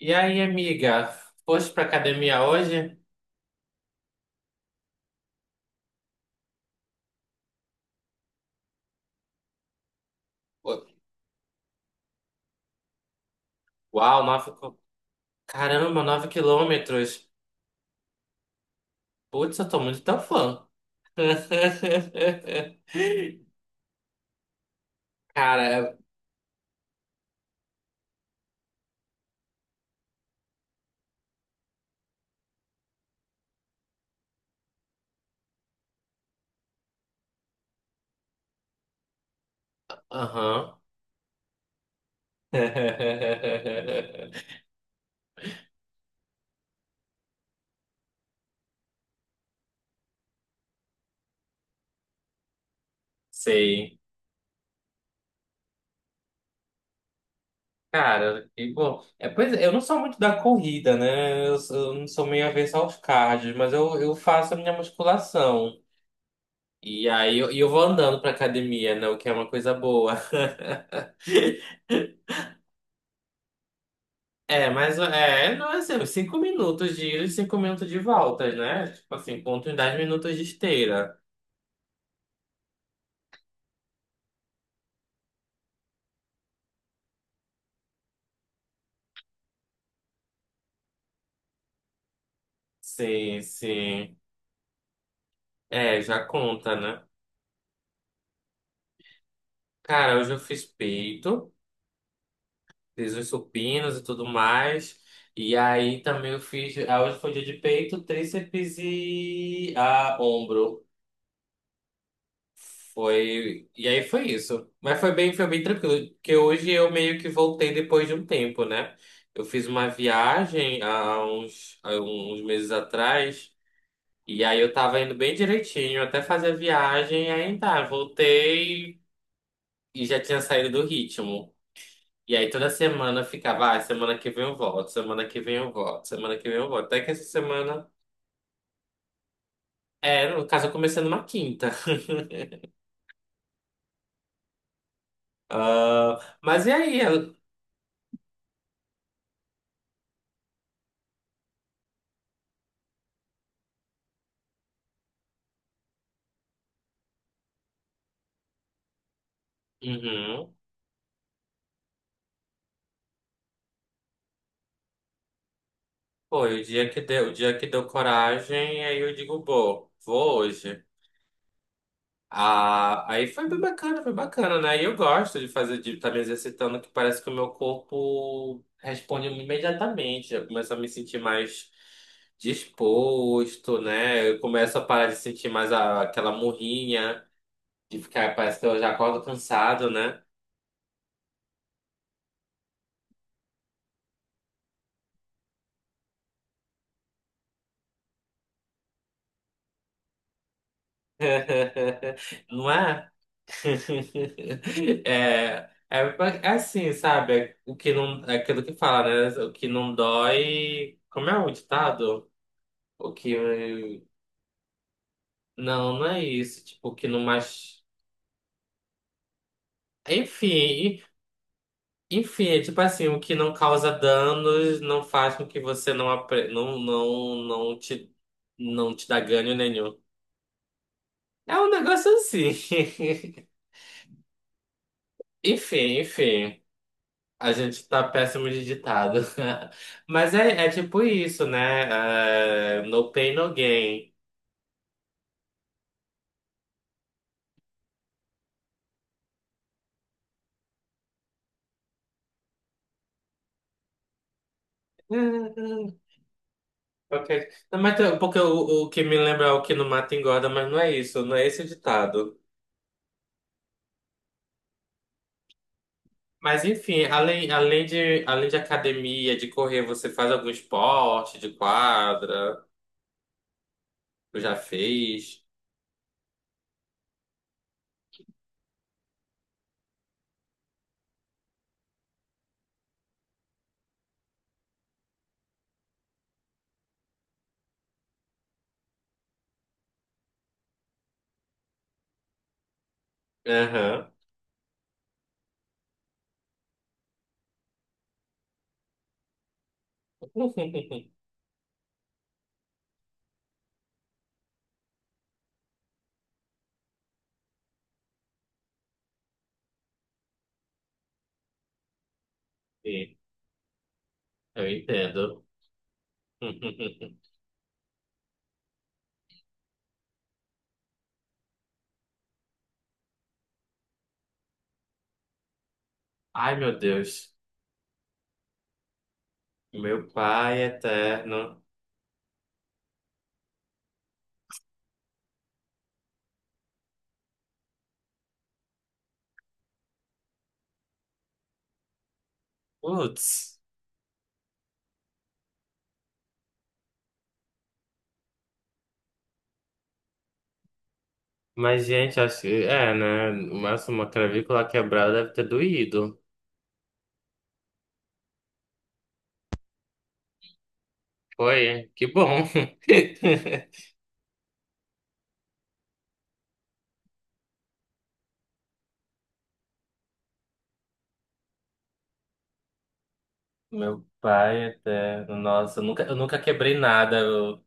E aí, amiga? Foste pra academia hoje? Ô, uau, caramba, 9 quilômetros. Putz, eu tô muito teu fã. Cara, é, aham. Sei. Cara, que bom. É, pois é, eu não sou muito da corrida, né? Eu não sou meio avesso aos cardio, mas eu faço a minha musculação. E aí eu vou andando pra academia, né? O que é uma coisa boa. É, mas é, não é assim, 5 minutos de ida e 5 minutos de volta, né? Tipo assim, conta uns 10 minutos de esteira. Sim, sim. É, já conta, né? Cara, hoje eu fiz peito, fiz os supinos e tudo mais. E aí também eu fiz. Hoje foi dia de peito, tríceps e ombro. Foi. E aí foi isso. Mas foi bem tranquilo. Porque hoje eu meio que voltei depois de um tempo, né? Eu fiz uma viagem há uns meses atrás. E aí eu tava indo bem direitinho até fazer a viagem. E aí tá, voltei e já tinha saído do ritmo. E aí toda semana eu ficava, semana que vem eu volto, semana que vem eu volto, semana que vem eu volto. Até que essa semana. É, no caso eu comecei numa quinta. Ah, mas e aí? Uhum. Foi, o dia que deu coragem, aí eu digo, bom, vou hoje. Ah, aí foi bem bacana, foi bacana, né? E eu gosto de fazer, de estar me exercitando, que parece que o meu corpo responde imediatamente. Eu começo a me sentir mais disposto, né? Eu começo a parar de sentir mais aquela murrinha, de ficar, parece que eu já acordo cansado, né? Não é? É assim, sabe? É O que não, é aquilo que fala, né? O que não dói. Como é o ditado? O que. Não, não é isso. Tipo, o que não mais. Enfim, enfim, é tipo assim, o que não causa danos não faz com que você não, não, não, não te dá ganho nenhum. É um negócio assim. Enfim, enfim. A gente tá péssimo de ditado. Mas é tipo isso, né? Ah, no pain, no gain. Ok. Não, mas porque o que me lembra é o que não mata engorda, mas não é isso, não é esse o ditado. Mas enfim, além de academia, de correr, você faz algum esporte de quadra? Tu já fez? Aham. Sim, eu entendo. Ai, meu Deus. Meu pai eterno. Putz. Mas, gente, acho que é, né? O uma clavícula quebrada deve ter doído. Foi, que bom. Meu pai eterno, nossa, eu nunca quebrei nada.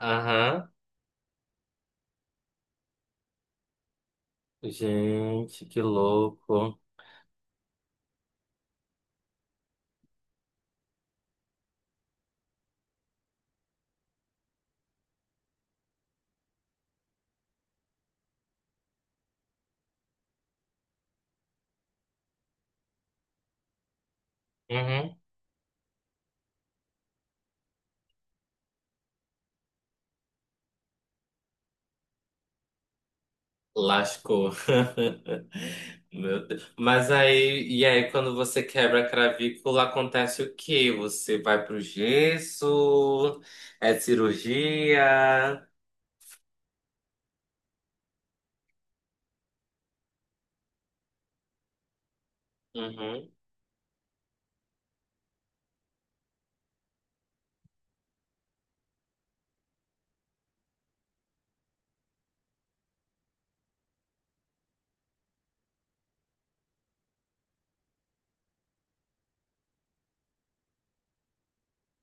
Aham. Gente, que louco. Uhum. Lascou. Meu Deus. Mas aí, e aí, quando você quebra a cravícula acontece o quê? Você vai pro gesso? É cirurgia? Uhum.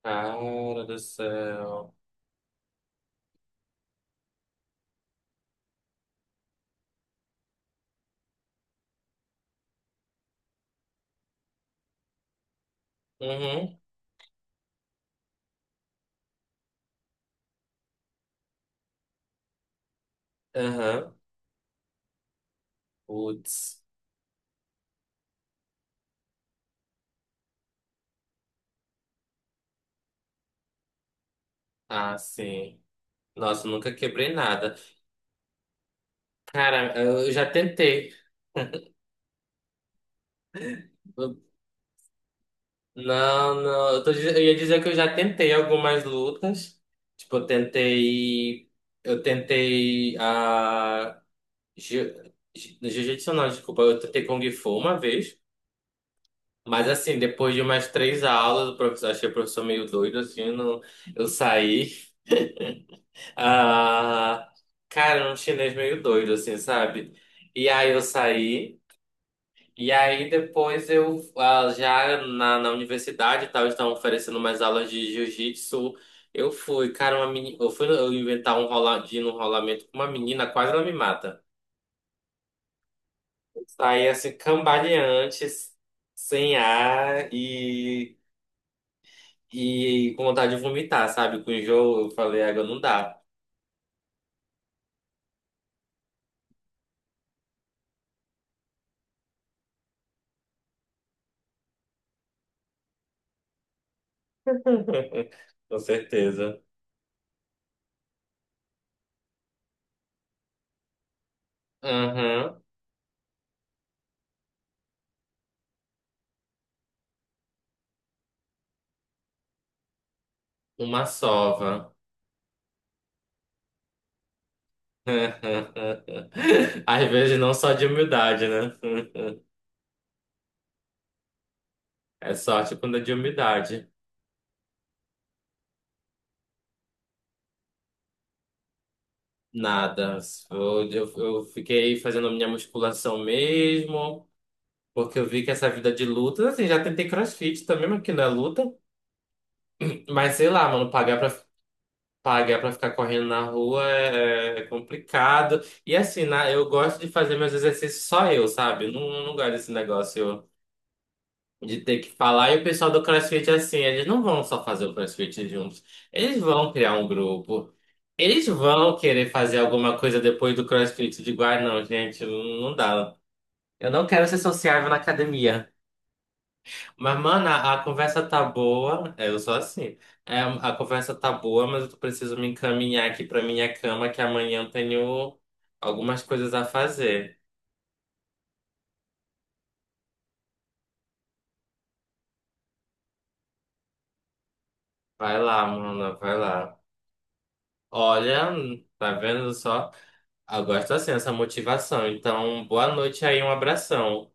Cara do céu. Uhum, aham. Putz. Ah, sim. Nossa, nunca quebrei nada. Cara, eu já tentei. Eu- Não, não. Eu ia dizer que eu já tentei algumas lutas. Tipo, eu tentei. Ah, jiu- jiu-jitsu não, desculpa. Eu tentei Kung Fu uma vez. Mas assim, depois de umas três aulas, achei o professor meio doido, assim, não, eu saí. Ah, cara, era um chinês meio doido, assim, sabe? E aí eu saí, e aí depois eu já na, universidade e tal, estavam oferecendo umas aulas de jiu-jitsu. Eu fui, cara, uma meni... eu fui eu inventar um roladinho, um rolamento com uma menina, quase ela me mata. Saí assim, cambaleante, sem ar e com vontade de vomitar, sabe? Com enjoo, eu falei, água não dá. Com certeza. Uhum. Uma sova. Às vezes não só de humildade, né? É sorte quando é de humildade. Nada. Eu fiquei fazendo minha musculação mesmo, porque eu vi que essa vida de luta, assim, já tentei CrossFit também, mas que não é luta. Mas sei lá, mano, pagar pra ficar correndo na rua é complicado. E assim, eu gosto de fazer meus exercícios só eu, sabe? Não, não gosto desse negócio. De ter que falar, e o pessoal do CrossFit, é assim, eles não vão só fazer o CrossFit juntos. Eles vão criar um grupo. Eles vão querer fazer alguma coisa depois do CrossFit. Não, gente, não dá. Eu não quero ser sociável na academia. Mas, mano, a conversa tá boa. É, eu sou assim. É, a conversa tá boa, mas eu preciso me encaminhar aqui pra minha cama, que amanhã eu tenho algumas coisas a fazer. Vai lá, mano, vai lá. Olha, tá vendo só? Eu gosto assim, essa motivação. Então, boa noite aí, um abração.